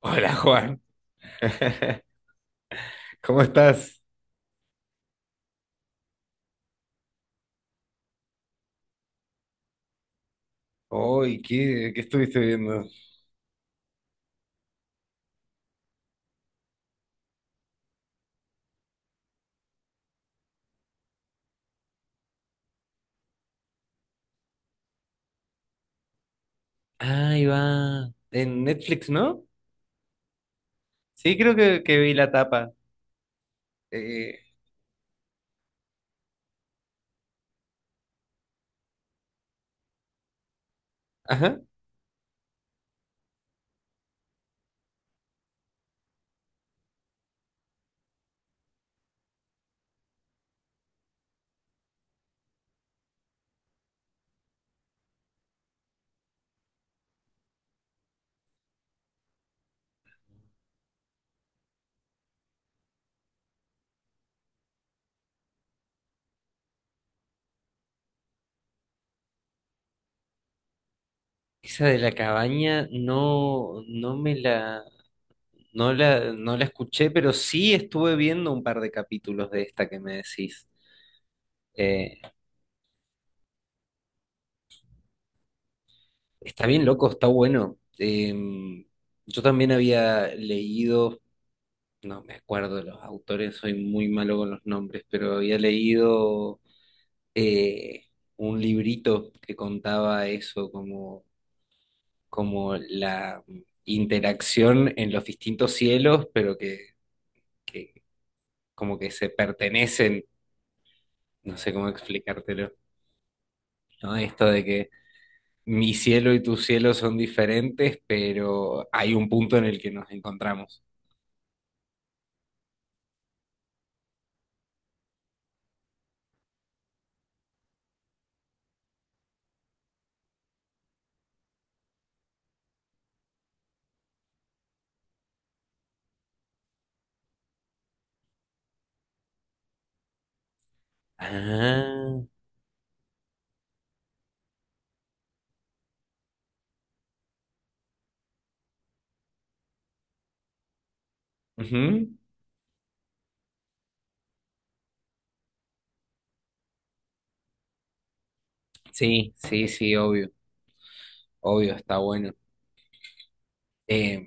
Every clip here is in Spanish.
Hola Juan, ¿Cómo estás? Hoy, ¿qué estuviste viendo? Ahí va, en Netflix, ¿no? Sí, creo que vi la tapa. Eh, ajá. Esa de la cabaña no, no la, no la escuché, pero sí estuve viendo un par de capítulos de esta que me decís. Eh, está bien loco, está bueno. Yo también había leído. No me acuerdo de los autores, soy muy malo con los nombres, pero había leído eh, un librito que contaba eso, como, como la interacción en los distintos cielos, pero que como que se pertenecen, no sé cómo explicártelo, ¿no? Esto de que mi cielo y tu cielo son diferentes, pero hay un punto en el que nos encontramos. Ah, ujú. Sí, sí, sí, obvio, obvio, está bueno. Eh,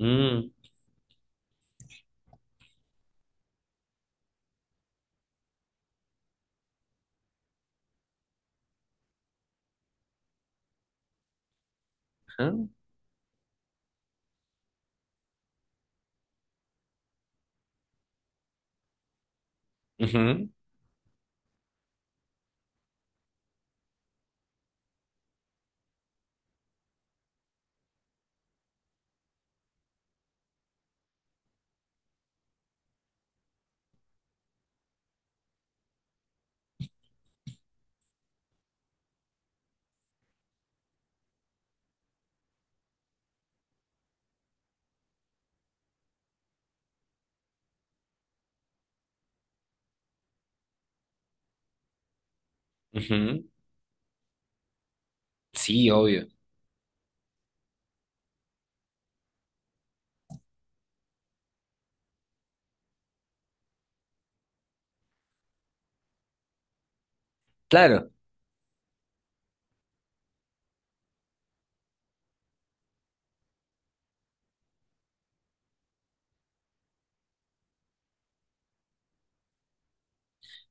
Mm, ajá, ujú, ujú. Sí, obvio. Claro,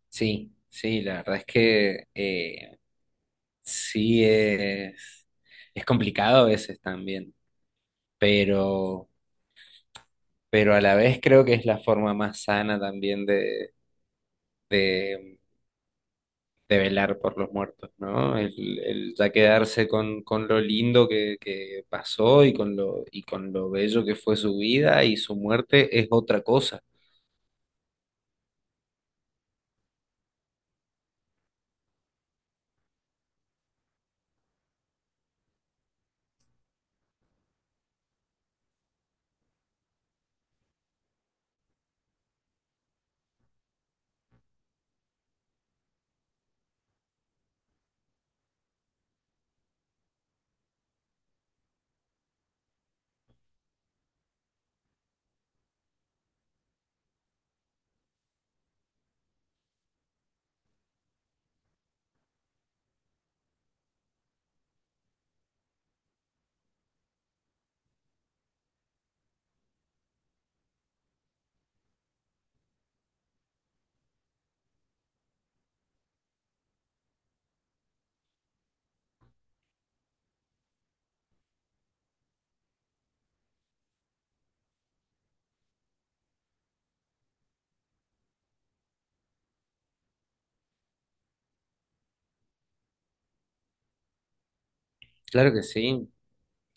sí, sí, la verdad es que sí es complicado a veces también, pero, pero a la vez creo que es la forma más sana también de, de velar por los muertos, ¿no? El ya quedarse con lo lindo que pasó y con lo bello que fue su vida y su muerte es otra cosa. Claro que sí.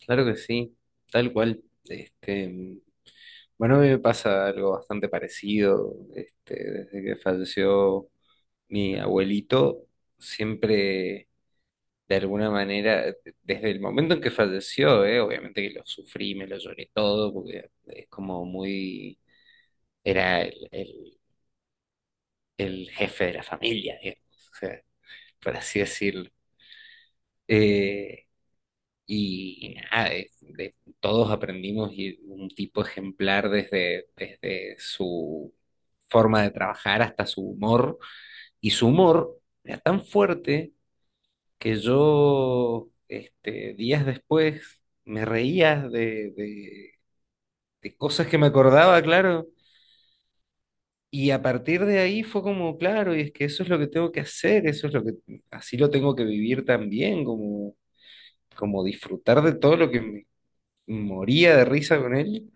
Claro que sí, tal cual. Este, bueno, a mí me pasa algo bastante parecido. Este, desde que falleció mi abuelito, siempre, de alguna manera, desde el momento en que falleció, obviamente que lo sufrí, me lo lloré todo, porque es como muy, era el el jefe de la familia, digamos, o sea, por así decirlo. Eh, Y nada, todos aprendimos y un tipo ejemplar desde, desde su forma de trabajar hasta su humor. Y su humor era tan fuerte que yo, este, días después, me reía de cosas que me acordaba, claro. Y a partir de ahí fue como, claro, y es que eso es lo que tengo que hacer, eso es lo que, así lo tengo que vivir también, como, como disfrutar de todo lo que me moría de risa con él.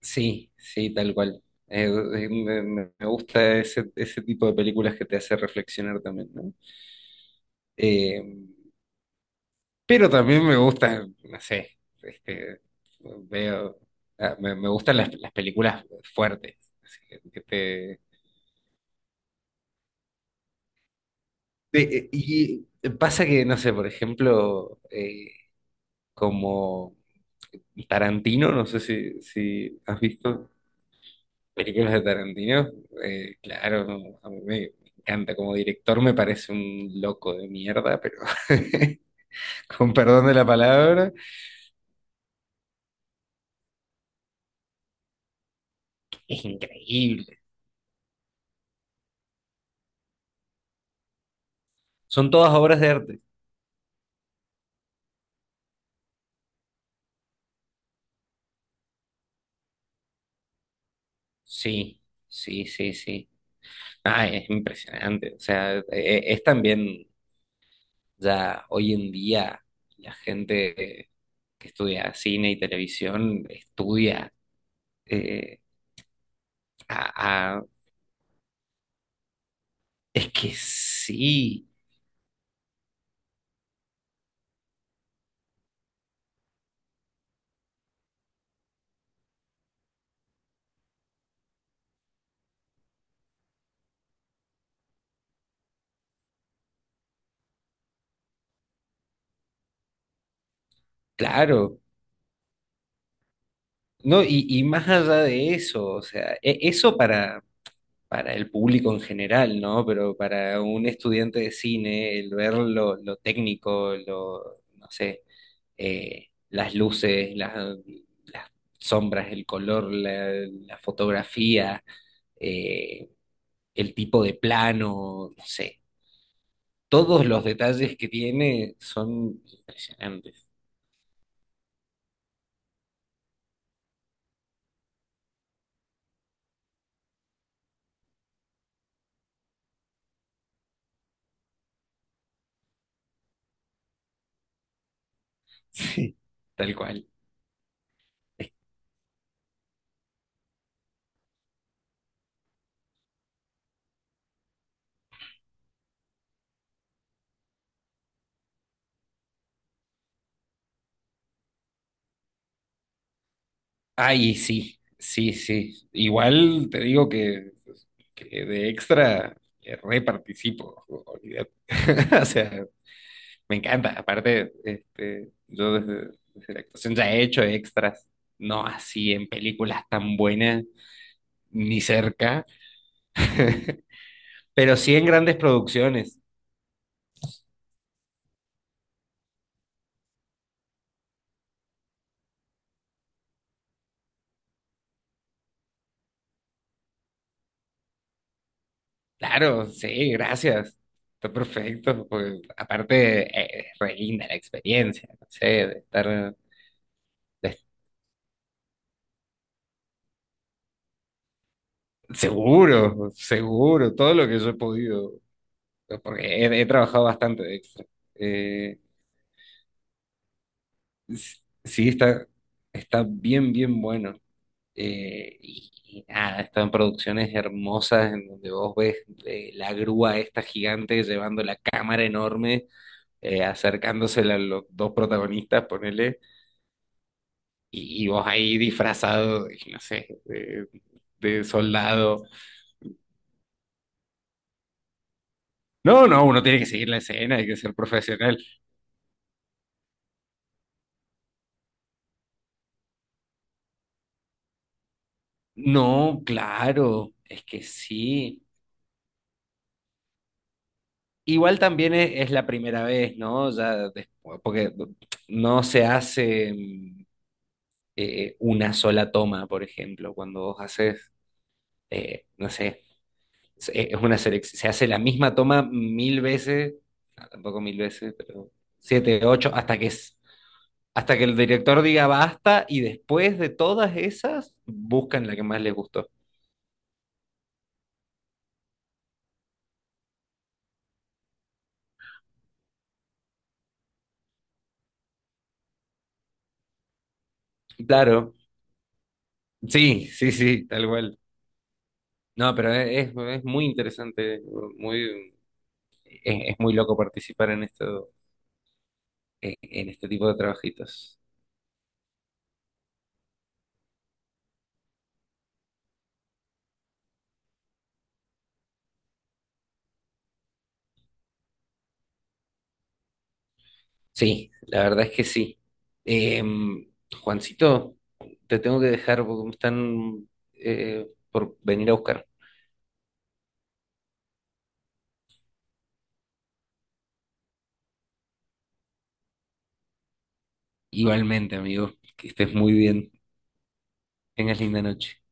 Sí, sí, tal cual. Me gusta ese, ese tipo de películas que te hace reflexionar también, ¿no? Eh, pero también me gusta, no sé, este, veo, ah, me gustan las películas fuertes. Así que te- Y pasa que, no sé, por ejemplo, como Tarantino, no sé si has visto. Películas de Tarantino, claro, no, a mí me, encanta. Como director me parece un loco de mierda, pero con perdón de la palabra, es increíble. Son todas obras de arte. Sí, sí, sí, sí. Ah, es impresionante. O sea, es también ya hoy en día la gente que estudia cine y televisión estudia eh, a, a- es que sí, claro. No, y más allá de eso, o sea, eso para el público en general, ¿no? Pero para un estudiante de cine, el ver lo técnico, lo, no sé, las luces, las sombras, el color, la fotografía, eh, el tipo de plano, no sé, todos los detalles que tiene son impresionantes. Sí, tal cual. Ay, sí, sí, sí. Igual te digo que, pues, que de extra re participo, olvídate. O sea, me encanta. Aparte, este, yo desde, desde la actuación ya he hecho extras, no así en películas tan buenas ni cerca, pero sí en grandes producciones. Claro, sí, gracias. Está perfecto. Porque aparte, es re linda la experiencia, no sé, de estar de Seguro, seguro, todo lo que yo he podido, porque he, he trabajado bastante extra. Eh, sí, está, está bien, bien bueno. Y nada, están producciones hermosas en donde vos ves la grúa esta gigante llevando la cámara enorme, acercándosela a los dos protagonistas, ponele, y vos ahí disfrazado, de, no sé, de soldado. No, no, uno tiene que seguir la escena, hay que ser profesional. No, claro, es que sí. Igual también es la primera vez, ¿no? Ya después, porque no se hace una sola toma, por ejemplo, cuando vos haces, no sé, es una selección, se hace la misma toma mil veces, no, tampoco mil veces, pero siete, ocho, hasta que el director diga basta y después de todas esas buscan la que más les gustó. Claro, sí, sí, sí, tal cual. No, pero es muy interesante, muy, es muy loco participar en esto, en este tipo de trabajitos. Sí, la verdad es que sí. Em, Juancito, te tengo que dejar porque me están por venir a buscar. Igualmente, amigo, que estés muy bien. Tengas linda noche.